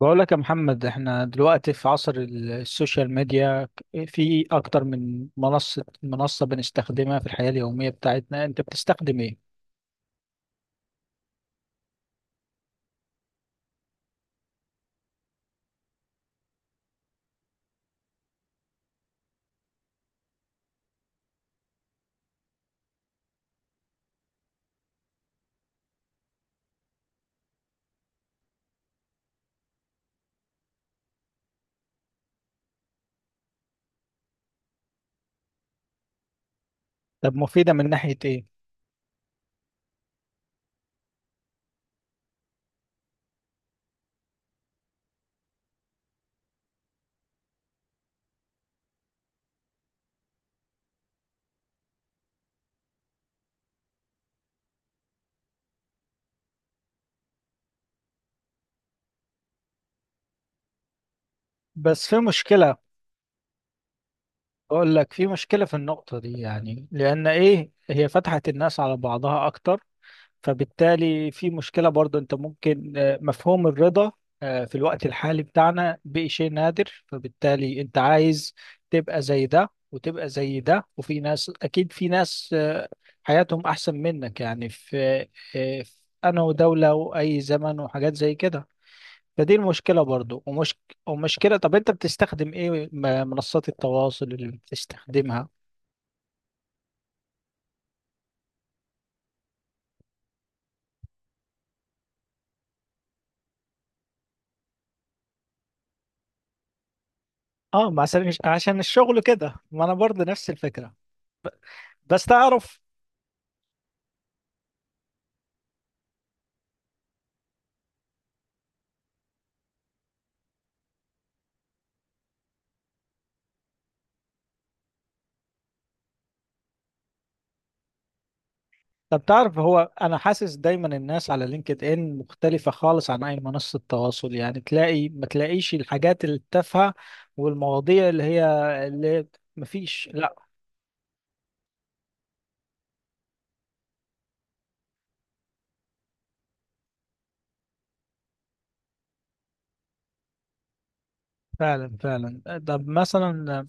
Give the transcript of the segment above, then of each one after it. بقول لك يا محمد احنا دلوقتي في عصر السوشيال ميديا. في اكتر من منصة بنستخدمها في الحياة اليومية بتاعتنا، انت بتستخدم ايه؟ طب مفيدة من ناحية ايه؟ بس في مشكلة. بقول لك في مشكلة في النقطة دي، يعني لان ايه، هي فتحت الناس على بعضها اكتر، فبالتالي في مشكلة برضو. انت ممكن مفهوم الرضا في الوقت الحالي بتاعنا بقى شيء نادر، فبالتالي انت عايز تبقى زي ده وتبقى زي ده، وفي ناس اكيد، في ناس حياتهم احسن منك، يعني في في انا دولة واي زمن وحاجات زي كده. فدي المشكلة برضو. ومش ومشكلة. طب انت بتستخدم ايه منصات التواصل اللي بتستخدمها؟ اه، ما عشان الشغل كده، ما انا برضو نفس الفكرة. بس تعرف، طب تعرف، هو انا حاسس دايما الناس على لينكد ان مختلفة خالص عن اي منصة تواصل. يعني تلاقي، ما تلاقيش الحاجات التافهة والمواضيع اللي هي، اللي مفيش، لا، فعلا فعلا. طب مثلا،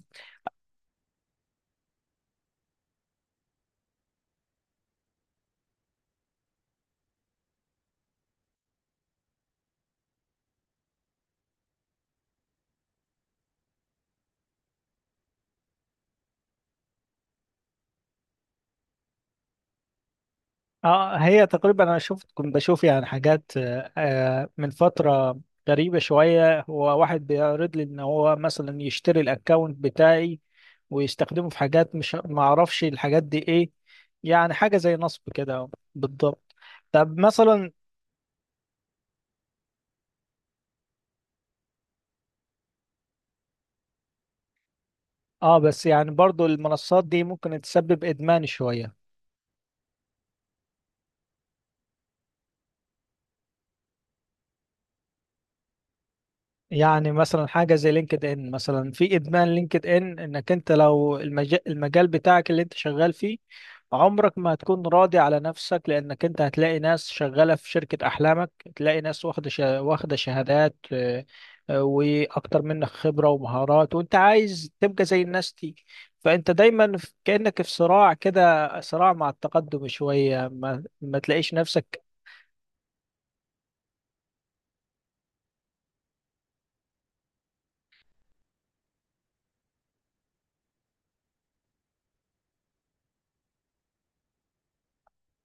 اه، هي تقريبا انا شفت، كنت بشوف يعني حاجات من فترة، غريبة شوية، هو واحد بيعرض لي ان هو مثلا يشتري الاكونت بتاعي ويستخدمه في حاجات مش، ما اعرفش الحاجات دي ايه، يعني حاجة زي نصب كده. بالضبط. طب مثلا، اه بس يعني برضو المنصات دي ممكن تسبب ادمان شوية. يعني مثلا حاجه زي لينكد ان، مثلا في ادمان لينكد ان انك انت لو المجال بتاعك اللي انت شغال فيه، عمرك ما هتكون راضي على نفسك، لانك انت هتلاقي ناس شغاله في شركه احلامك، تلاقي ناس واخده شهادات واكتر منك خبره ومهارات، وانت عايز تبقى زي الناس دي. فانت دايما كانك في صراع كده، صراع مع التقدم شويه، ما تلاقيش نفسك.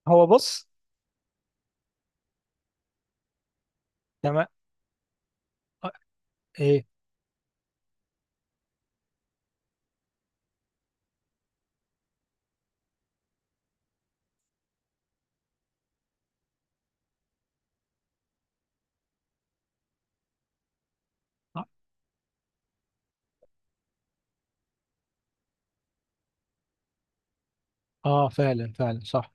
هو بص، تمام. آه، ايه، اه. فعلا فعلا صح.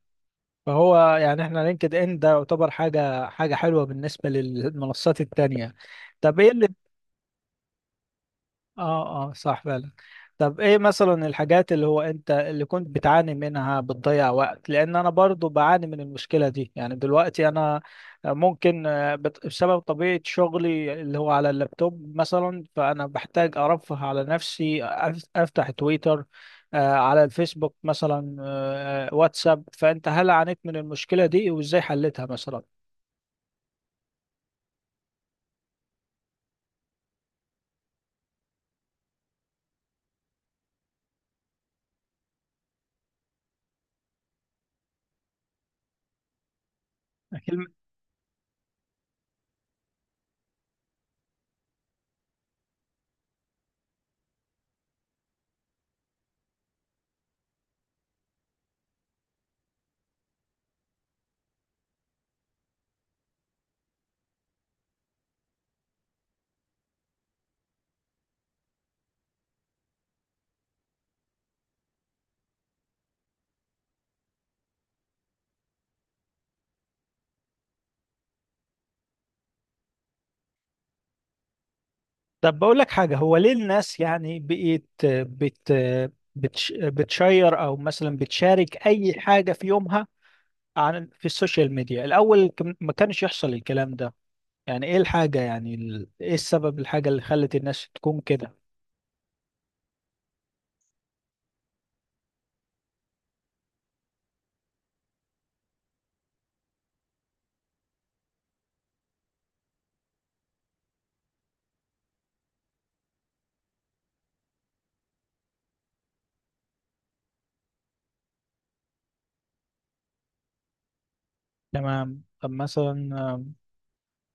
فهو يعني احنا لينكد ان ده يعتبر حاجه حلوه بالنسبه للمنصات التانية. طب ايه اللي، اه اه صح فعلا. طب ايه مثلا الحاجات اللي هو انت اللي كنت بتعاني منها، بتضيع وقت؟ لان انا برضو بعاني من المشكلة دي، يعني دلوقتي انا ممكن بسبب طبيعة شغلي اللي هو على اللابتوب مثلا، فانا بحتاج ارفه على نفسي، افتح تويتر، على الفيسبوك مثلا، واتساب. فانت هل عانيت من المشكلة دي، وازاي حلتها مثلا؟ طب بقول لك حاجة، هو ليه الناس يعني بقيت بت بتش بتشير أو مثلا بتشارك أي حاجة في يومها، عن في السوشيال ميديا الأول، ما كانش يحصل الكلام ده. يعني إيه الحاجة، يعني إيه السبب، الحاجة اللي خلت الناس تكون كده. تمام. طب مثلا،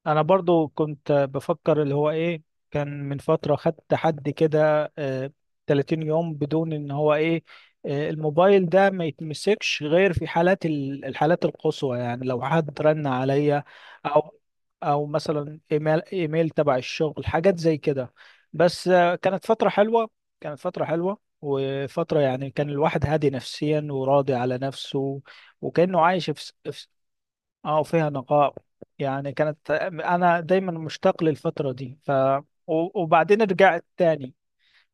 انا برضو كنت بفكر اللي هو ايه، كان من فترة خدت حد كده، 30 يوم بدون ان هو ايه، الموبايل ده ما يتمسكش غير في حالات الحالات القصوى، يعني لو حد رن عليا او مثلا ايميل تبع الشغل، حاجات زي كده. بس كانت فترة حلوة. كانت فترة حلوة وفترة، يعني كان الواحد هادي نفسيا وراضي على نفسه، وكأنه عايش في، اه فيها نقاء. يعني كانت انا دايما مشتاق للفتره دي، ف وبعدين رجعت تاني.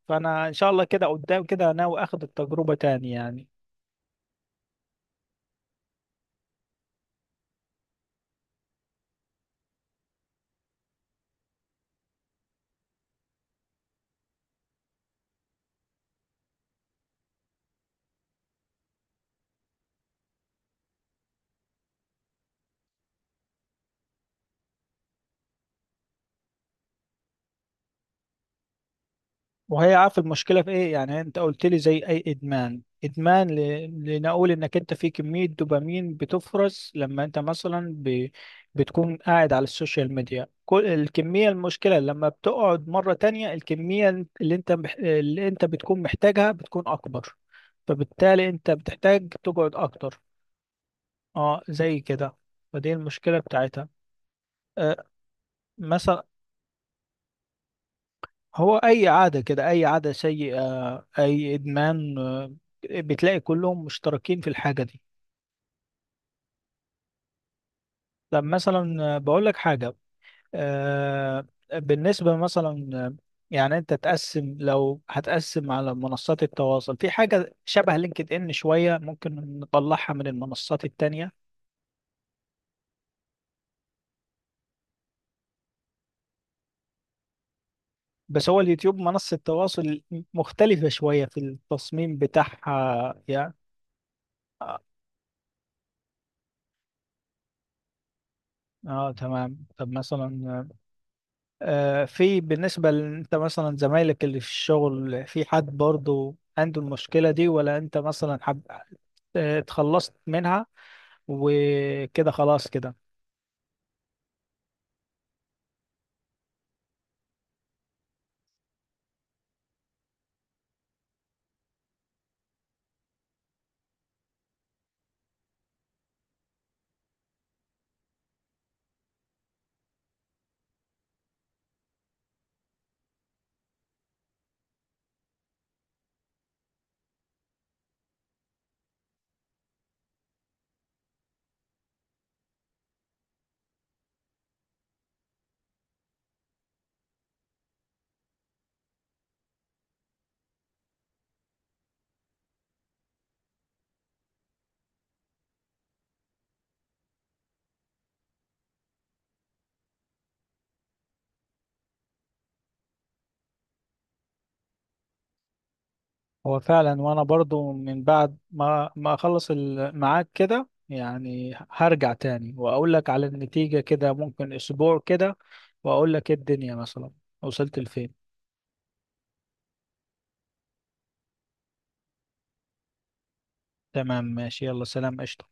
فانا ان شاء الله كده قدام كده ناوي اخد التجربه تاني يعني. وهي عارف المشكله في ايه؟ يعني انت قلت لي زي اي ادمان، لنقول انك انت في كميه دوبامين بتفرز لما انت مثلا بتكون قاعد على السوشيال ميديا، كل الكميه المشكله لما بتقعد مره تانية، الكميه اللي انت اللي انت بتكون محتاجها بتكون اكبر. فبالتالي انت بتحتاج تقعد اكتر، اه زي كده. فدي المشكله بتاعتها. آه، مثلا، هو أي عادة كده، أي عادة سيئة، أي إدمان بتلاقي كلهم مشتركين في الحاجة دي. طب مثلا بقول لك حاجة، آه، بالنسبة مثلا، يعني أنت تقسم، لو هتقسم على منصات التواصل، في حاجة شبه لينكد إن شوية ممكن نطلعها من المنصات التانية؟ بس هو اليوتيوب منصة تواصل مختلفة شوية في التصميم بتاعها يعني. اه. تمام. طب مثلا في بالنسبة لأنت مثلا، زمايلك اللي في الشغل في حد برضو عنده المشكلة دي، ولا أنت مثلا حب اتخلصت منها وكده خلاص كده؟ هو فعلا، وأنا برضو من بعد ما ما أخلص معاك كده يعني هرجع تاني وأقول لك على النتيجة كده، ممكن أسبوع كده، وأقول لك إيه الدنيا مثلا وصلت لفين. تمام ماشي، يلا سلام، قشطة.